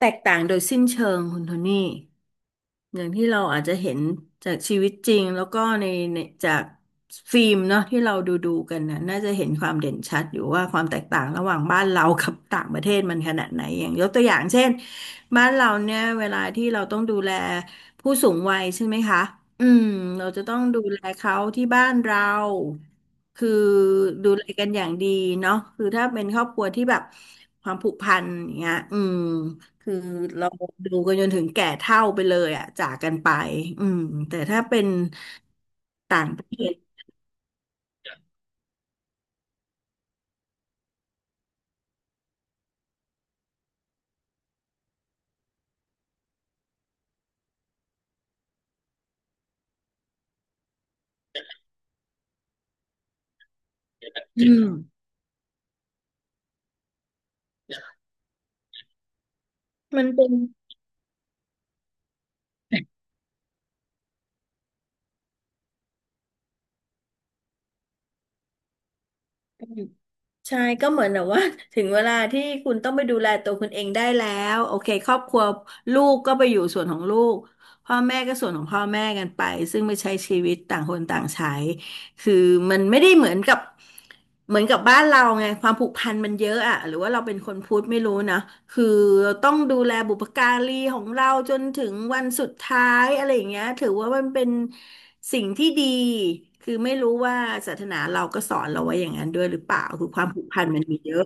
แตกต่างโดยสิ้นเชิงคุณโทนี่อย่างที่เราอาจจะเห็นจากชีวิตจริงแล้วก็ในจากฟิล์มเนาะที่เราดูกันนะน่าจะเห็นความเด่นชัดอยู่ว่าความแตกต่างระหว่างบ้านเรากับต่างประเทศมันขนาดไหนอย่างยกตัวอย่างเช่นบ้านเราเนี่ยเวลาที่เราต้องดูแลผู้สูงวัยใช่ไหมคะอืมเราจะต้องดูแลเขาที่บ้านเราคือดูแลกันอย่างดีเนาะคือถ้าเป็นครอบครัวที่แบบความผูกพันอย่างเงี้ยอืม คือเราดูกันจนถึงแก่เฒ่าไปเลยอ่ะจากกันไปอืมแต่ถ้าเป็นต่างประเทศอืมมันเป็น ใช่ก็เหมือนแบบว่า ถึงเวลาที่คุณต้องไปดูแลตัวคุณเองได้แล้วโอเคครอบครัวลูกก็ไปอยู่ส่วนของลูกพ่อแม่ก็ส่วนของพ่อแม่กันไปซึ่งไม่ใช้ชีวิตต่างคนต่างใช้คือมันไม่ได้เหมือนกับบ้านเราไงความผูกพันมันเยอะอะหรือว่าเราเป็นคนพุทธไม่รู้นะคือเราต้องดูแลบุพการีของเราจนถึงวันสุดท้ายอะไรอย่างเงี้ยถือว่ามันเป็น สิ่งที่ดีคือไม่รู้ว่าศาสนาเราก็สอนเราไว้อย่างนั้นด้วยหรือเปล่าคือความผูกพันมันมีเยอะ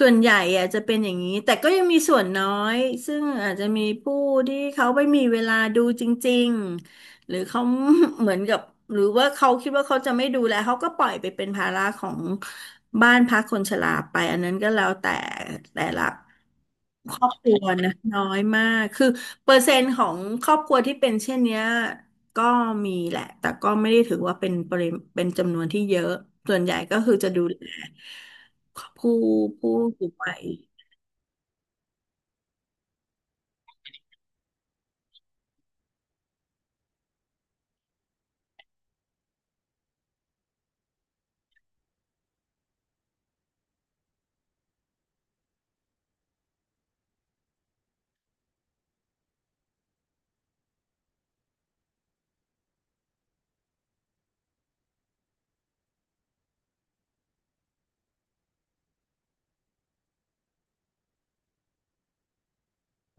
ส่วนใหญ่อะจะเป็นอย่างนี้แต่ก็ยังมีส่วนน้อยซึ่งอาจจะมีผู้ที่เขาไม่มีเวลาดูจริงๆหรือเขา เหมือนกับหรือว่าเขาคิดว่าเขาจะไม่ดูแลเขาก็ปล่อยไปเป็นภาระของบ้านพักคนชราไปอันนั้นก็แล้วแต่แต่ละครอบครัวนะน้อยมากคือเปอร์เซ็นต์ของครอบครัวที่เป็นเช่นเนี้ย ก็มีแหละแต่ก็ไม่ได้ถือว่าเป็นปริมาณเป็นจำนวนที่เยอะ ส่วนใหญ่ก็คือจะดูแลผู้ผู้สูงวัย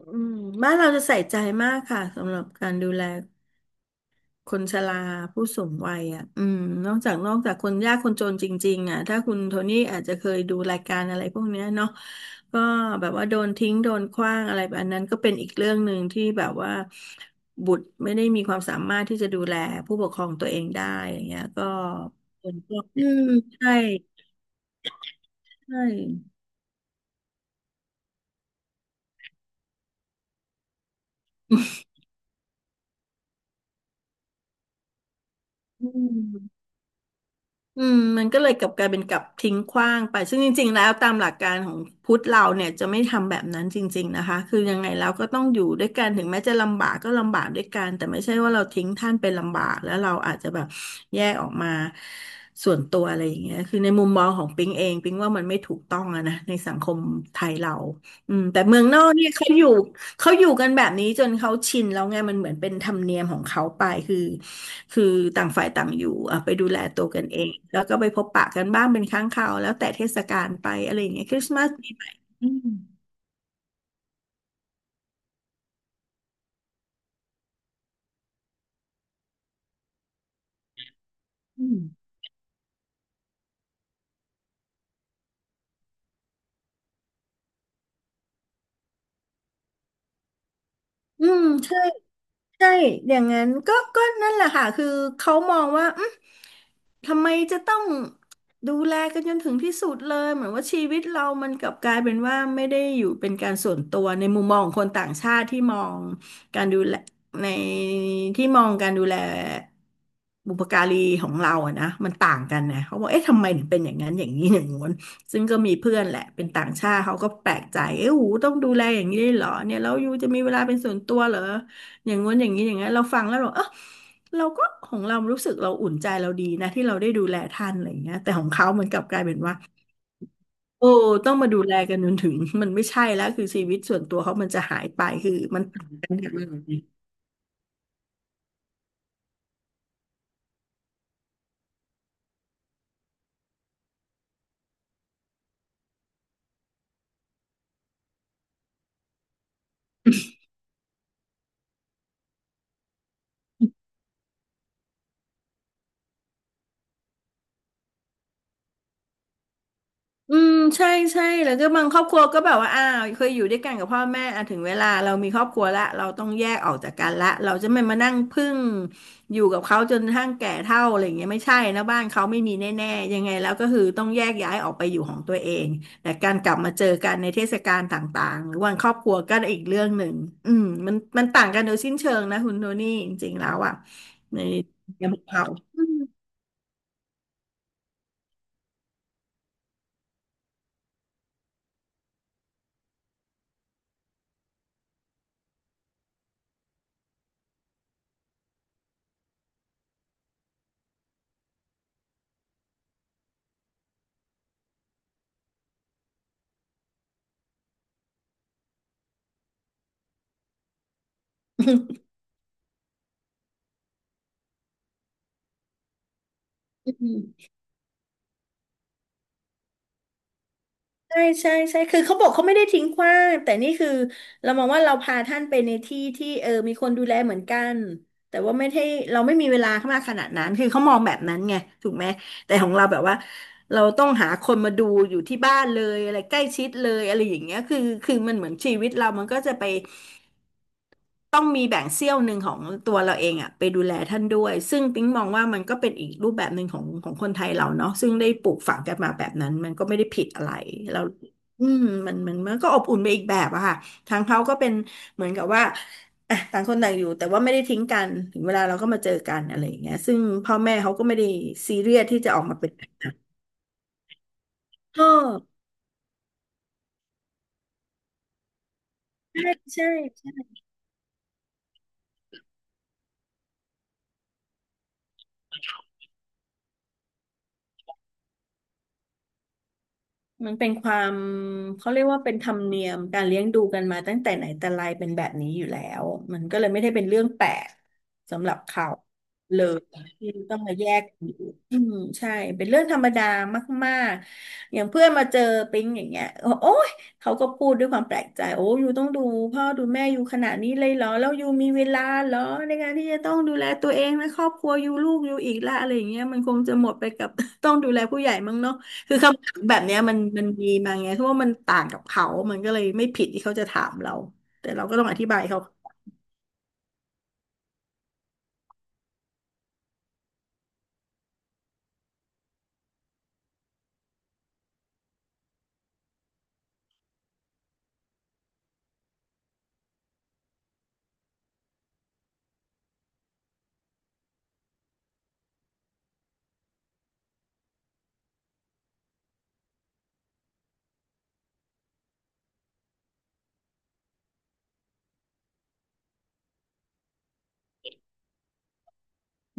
อืมบ้านเราจะใส่ใจมากค่ะสำหรับการดูแลคนชราผู้สูงวัยอ่ะอืมนอกจากคนยากคนจนจริงๆอ่ะถ้าคุณโทนี่อาจจะเคยดูรายการอะไรพวกเนี้ยเนาะก็แบบว่าโดนทิ้งโดนขว้างอะไรแบบอันนั้นก็เป็นอีกเรื่องหนึ่งที่แบบว่าบุตรไม่ได้มีความสามารถที่จะดูแลผู้ปกครองตัวเองได้อย่างเงี้ยก็ อืมใช่ใช่อืมอืมมันก็เลยกลับกลายเป็นกลับทิ้งขว้างไปซึ่งจริงๆแล้วตามหลักการของพุทธเราเนี่ยจะไม่ทำแบบนั้นจริงๆนะคะคือยังไงแล้วก็ต้องอยู่ด้วยกันถึงแม้จะลำบากก็ลำบากด้วยกันแต่ไม่ใช่ว่าเราทิ้งท่านไปลำบากแล้วเราอาจจะแบบแยกออกมาส่วนตัวอะไรอย่างเงี้ยคือในมุมมองของปิงเองปิงว่ามันไม่ถูกต้องอะนะในสังคมไทยเราอืมแต่เมืองนอกเนี่ยเขาอยู่ เขาอยู่กันแบบนี้จนเขาชินแล้วไงมันเหมือนเป็นธรรมเนียมของเขาไปคือคือต่างฝ่ายต่างอยู่อ่ะไปดูแลตัวกันเองแล้วก็ไปพบปะกันบ้างเป็นครั้งคราวแล้วแต่เทศกาลไปอะไรอย่างเงี้ยคริสต์มาสปีใหม่ อืมอืมอืมใช่ ใช่อย่างนั้นก็ก็นั่นแหละค่ะคือเขามองว่าอืมทำไมจะต้องดูแลกันจนถึงที่สุดเลยเหมือนว่าชีวิตเรามันกลับกลายเป็นว่าไม่ได้อยู่เป็นการส่วนตัวในมุมมองของคนต่างชาติที่มองการดูแลในที่มองการดูแลบุปการีของเราอะนะมันต่างกันนะเขาบอกเอ๊ะทำไมถึงเป็นอย่างนั้นอย่างนี้อย่างงู้นซึ่งก็มีเพื่อนแหละเป็นต่างชาติเขาก็แปลกใจเอ้หูต้องดูแลอย่างนี้ได้วยเหรอเนี่ยแล้วยูจะมีเวลาเป็นส่วนตัวเหรอ อย่างง้นอย่างนี้อย่างนั้นเราฟังแล้วเราเออเราก็ของเรารู้สึกเราอุ่นใจเราดีนะที่เราได้ดูแลท่านอะไรอย่างเงี้ยแต่ของเขามันกลับกลายเป็นว่าโอ้ต้องมาดูแลกันจนถึงมันไม่ใช่แล้วคือชีวิตส่วนตัวเขามันจะหายไปคือมัน อืมใช่ใช่แล้วก็บางครอบครัวก็แบบว่าอ้าวเคยอยู่ด้วยกันกับพ่อแม่อ่ะถึงเวลาเรามีครอบครัวละเราต้องแยกออกจากกันละเราจะไม่มานั่งพึ่งอยู่กับเขาจนกระทั่งแก่เฒ่าอะไรอย่างเงี้ยไม่ใช่นะบ้านเขาไม่มีแน่ๆยังไงแล้วก็คือต้องแยกย้ายออกไปอยู่ของตัวเองแต่การกลับมาเจอกันในเทศกาลต่างๆหรือวันครอบครัวก็อีกเรื่องหนึ่งอืมมันต่างกันโดยสิ้นเชิงนะคุณโทนี่จริงๆแล้วอ่ะในในมุมเขาอืม ใช่ใช่ใช่คือเขาบอกเขาไม่ได้ทิ้งขว้างแต่นี่คือเรามองว่าเราพาท่านไปในที่ที่มีคนดูแลเหมือนกันแต่ว่าไม่ใช่เราไม่มีเวลามากขนาดนั้นคือเขามองแบบนั้นไงถูกไหมแต่ของเราแบบว่าเราต้องหาคนมาดูอยู่ที่บ้านเลยอะไรใกล้ชิดเลยอะไรอย่างเงี้ยคือมันเหมือนชีวิตเรามันก็จะไป ต้องมีแบ่งเสี้ยวหนึ่งของตัวเราเองอะไปดูแลท่านด้วยซึ่งปิ๊งมองว่ามันก็เป็นอีกรูปแบบหนึ่งของคนไทยเราเนาะซึ่งได้ปลูกฝังกันมาแบบนั้นมันก็ไม่ได้ผิดอะไรเราอืมมันก็อบอุ่นไปอีกแบบอะค่ะทางเขาก็เป็นเหมือนกับว่าอ่ะต่างคนต่างอยู่แต่ว่าไม่ได้ทิ้งกันถึงเวลาเราก็มาเจอกันอะไรอย่างเงี้ยซึ่งพ่อแม่เขาก็ไม่ได้ซีเรียสที่จะออกมาเป็นเออใช่ใช่ มันเป็นความเขาเรียกว่าเป็นธรรมเนียมการเลี้ยงดูกันมาตั้งแต่ไหนแต่ไรเป็นแบบนี้อยู่แล้วมันก็เลยไม่ได้เป็นเรื่องแปลกสำหรับเขาเลยที่ต้องมาแยกกันอยู่อืมใช่เป็นเรื่องธรรมดามากๆอย่างเพื่อนมาเจอปิ๊งอย่างเงี้ยโอ้ยเขาก็พูดด้วยความแปลกใจโอ้ยูต้องดูพ่อดูแม่อยูขนาดนี้เลยเหรอแล้วยูมีเวลาเหรอในการที่จะต้องดูแลตัวเองและครอบครัวยูลูกยูอีกละอะไรอย่างเงี้ยมันคงจะหมดไปกับ ต้องดูแลผู้ใหญ่มั้งเนาะ คือคำถามแบบเนี้ยมันมีมาไงเพราะว่ามันต่างกับเขามันก็เลยไม่ผิดที่เขาจะถามเราแต่เราก็ต้องอธิบายเขา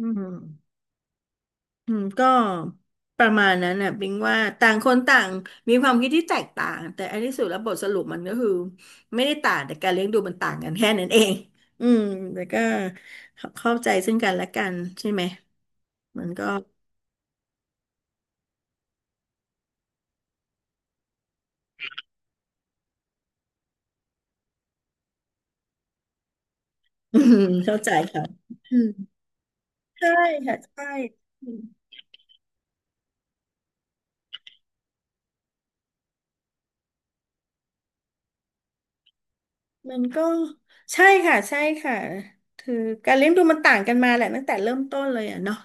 อืมอืมก็ประมาณนั้นน่ะบิงว่าต่างคนต่างมีความคิดที่แตกต่าง แต่อันที่สุดแล้วบทสรุปมันก็คือไม่ได้ต่างแต่การเลี้ยงดูมันต่างกันแค่นั้นเอง อืม แต่ก็เข้าใจซึ่งกันและกันใช่ไหม มันก็ อืมเข้าใจค่ะอืมใช่ค่ะใช่ มันก็ใช่ค่ะใช่ค่ะคือการเลี้ยงดูมันต่างกันมาแหละตั้งแต่เริ่มต้นเลยอ่ะเนาะ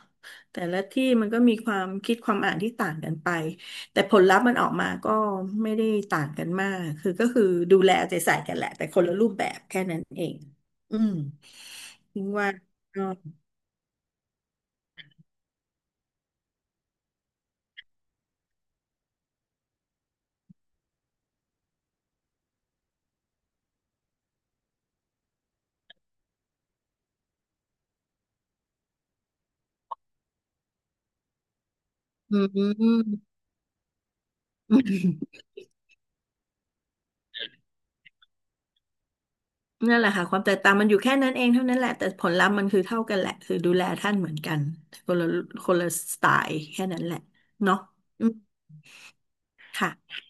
แต่ละที่มันก็มีความคิดความอ่านที่ต่างกันไปแต่ผลลัพธ์มันออกมาก็ไม่ได้ต่างกันมากคือก็คือดูแลเอาใจใส่กันแหละแต่คนละรูปแบบแค่นั้นเองอืมถึงว่าก็อืมนั่นแหละค่ะความแตกต่างมันอยู่แค่นั้นเองเท่านั้นแหละแต่ผลลัพธ์มันคือเท่ากันแหละคือดูแลท่านเหมือนกันคนละคนละสไตล์แค่นั้นแหละเนาะอืมค่ะ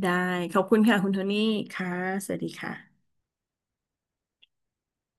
ได้ขอบคุณค่ะคุณโทนี่ค่ะสวัสดีค่ะ